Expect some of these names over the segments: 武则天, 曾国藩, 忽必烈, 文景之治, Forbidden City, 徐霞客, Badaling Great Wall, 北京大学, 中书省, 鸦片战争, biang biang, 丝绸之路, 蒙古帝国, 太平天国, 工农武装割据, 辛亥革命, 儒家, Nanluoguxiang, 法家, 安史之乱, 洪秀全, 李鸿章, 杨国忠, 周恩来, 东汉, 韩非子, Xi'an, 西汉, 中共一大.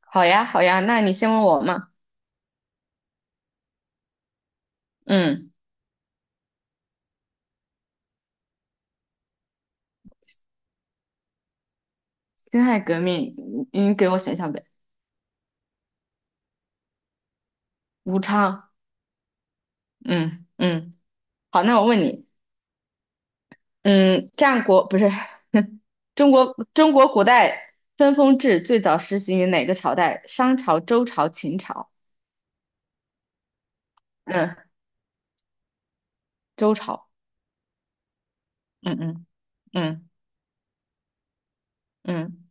好呀，好呀，那你先问我嘛。嗯，辛亥革命，你给我想想呗。武昌。嗯嗯，好，那我问你。嗯，战国不是 中国古代分封制最早实行于哪个朝代？商朝、周朝、秦朝？嗯，周朝。嗯嗯嗯嗯，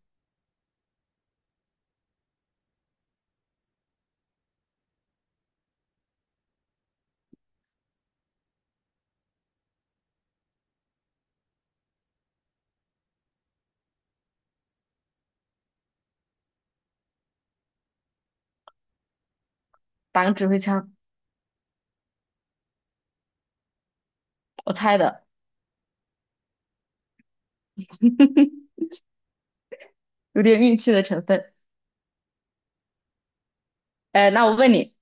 打个指挥枪。我猜的，有点运气的成分。那我问你，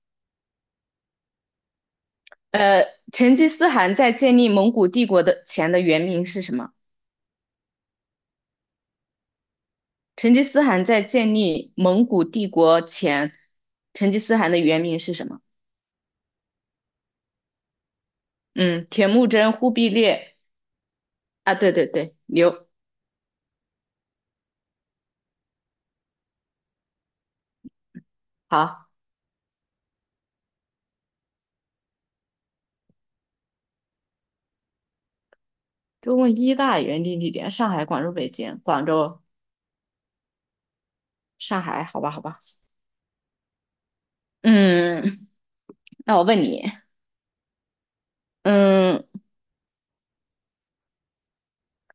呃，成吉思汗在建立蒙古帝国的前的原名是什么？成吉思汗在建立蒙古帝国前，成吉思汗的原名是什么？嗯，铁木真、忽必烈啊，对对对，刘好。中共一大原定地点：上海、广州、北京、广州、上海。好吧，好吧。嗯，那我问你，嗯，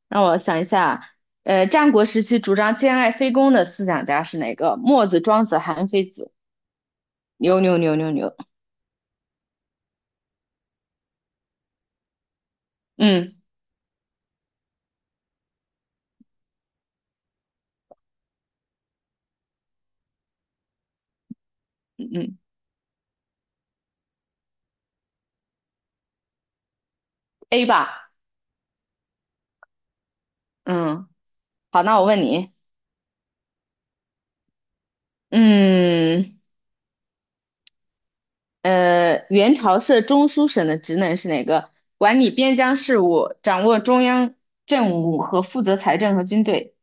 让我想一下。战国时期主张兼爱非攻的思想家是哪个？墨子、庄子、韩非子。牛牛牛牛牛。嗯嗯嗯，A 吧。嗯，好，那我问你。嗯。元朝设中书省的职能是哪个？管理边疆事务，掌握中央政务和负责财政和军队。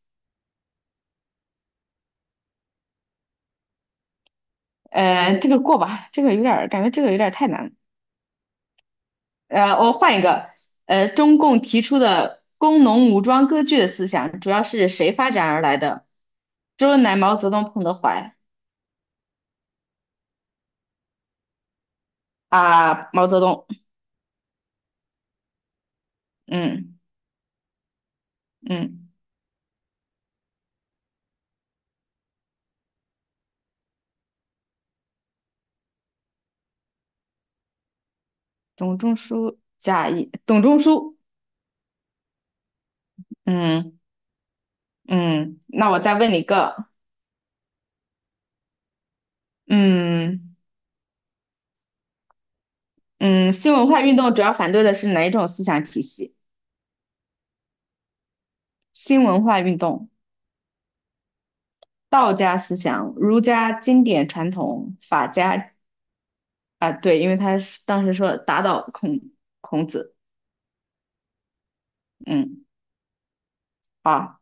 这个过吧，这个有点儿感觉这个有点儿太难了。我换一个。中共提出的工农武装割据的思想，主要是谁发展而来的？周恩来、毛泽东、彭德怀啊，毛泽东。嗯嗯，董仲舒、贾谊、董仲舒。嗯嗯，那我再问你一个。嗯。嗯，新文化运动主要反对的是哪一种思想体系？新文化运动、道家思想、儒家经典传统、法家啊，对，因为他是当时说打倒孔子。嗯，好，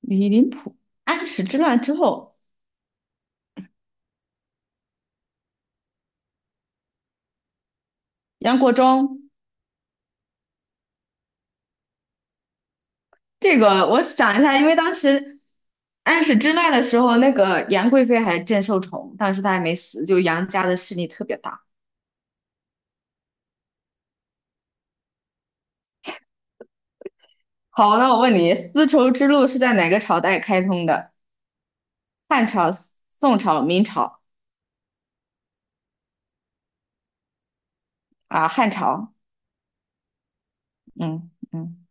李林甫安史之乱之后，杨国忠这个我想一下，因为当时安史之乱的时候，那个杨贵妃还正受宠，当时她还没死，就杨家的势力特别大。好，那我问你，丝绸之路是在哪个朝代开通的？汉朝、宋朝、明朝啊，汉朝。嗯嗯，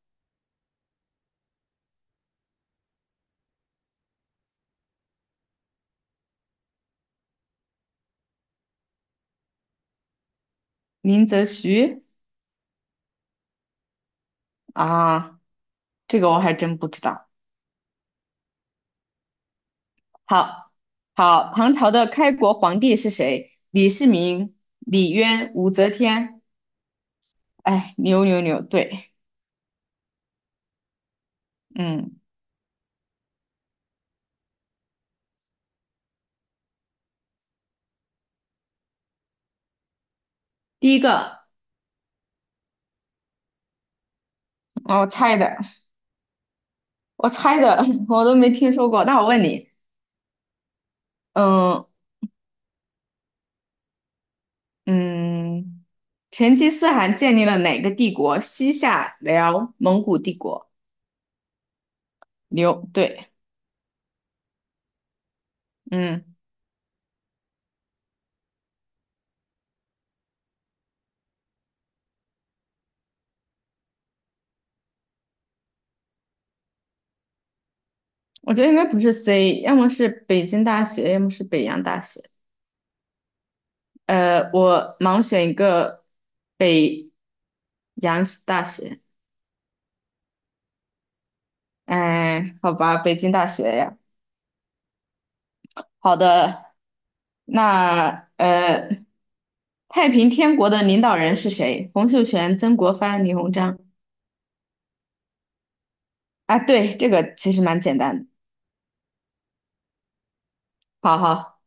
明则徐啊，这个我还真不知道。好，好，唐朝的开国皇帝是谁？李世民、李渊、武则天。哎，牛牛牛，对。嗯，第一个。哦我猜的，我猜的，我都没听说过。那我问你。嗯嗯，成吉思汗建立了哪个帝国？西夏、辽、蒙古帝国。牛，对。嗯。我觉得应该不是 C，要么是北京大学，要么是北洋大学。我盲选一个北洋大学。哎，好吧，北京大学呀。好的，那太平天国的领导人是谁？洪秀全、曾国藩、李鸿章。啊，对，这个其实蛮简单的。好好。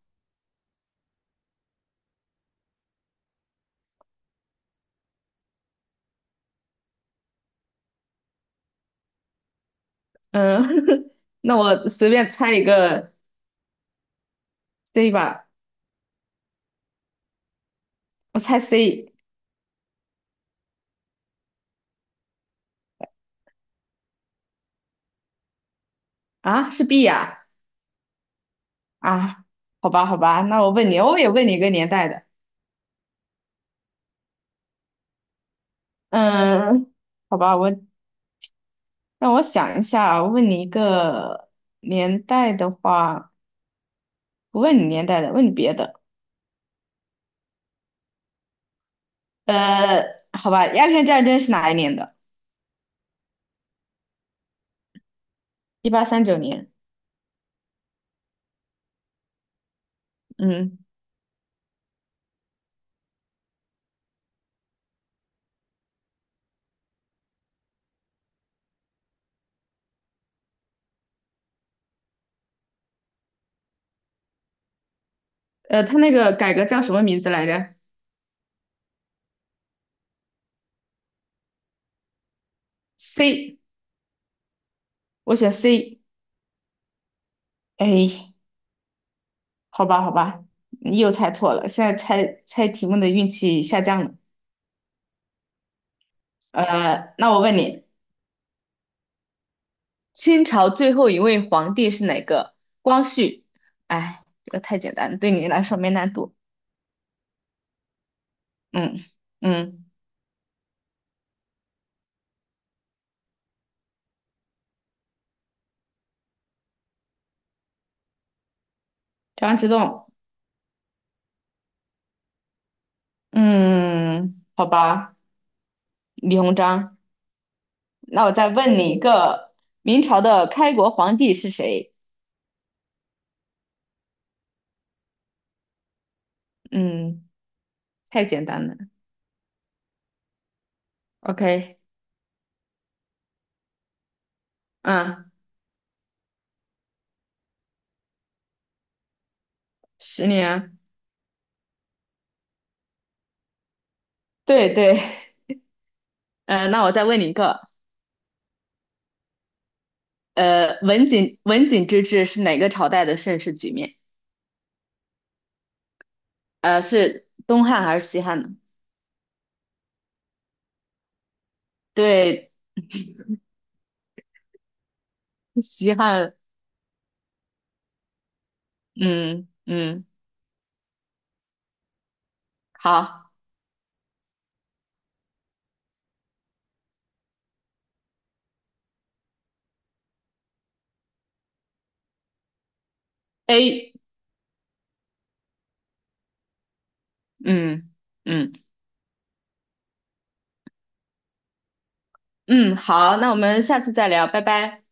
嗯，那我随便猜一个 C 吧，我猜 C 啊，是 B 呀、啊，好吧，好吧，那我问你，我也问你一个年代的。嗯，好吧，我让我想一下啊，我问你一个年代的话，不问你年代的，问你别的。呃，好吧，鸦片战争是哪一年的？1839年。嗯，他那个改革叫什么名字来着？C，我选 C。哎，好吧，好吧，你又猜错了，现在猜猜题目的运气下降了。那我问你，清朝最后一位皇帝是哪个？光绪。哎，这个太简单了对你来说没难度。嗯嗯，张之洞。嗯，好吧，李鸿章。那我再问你一个，明朝的开国皇帝是谁？嗯，太简单了。OK，嗯，10年。对对。嗯，那我再问你一个，文景之治是哪个朝代的盛世局面？是东汉还是西汉呢？对，西汉。嗯嗯，好，A。嗯嗯嗯，好，那我们下次再聊，拜拜。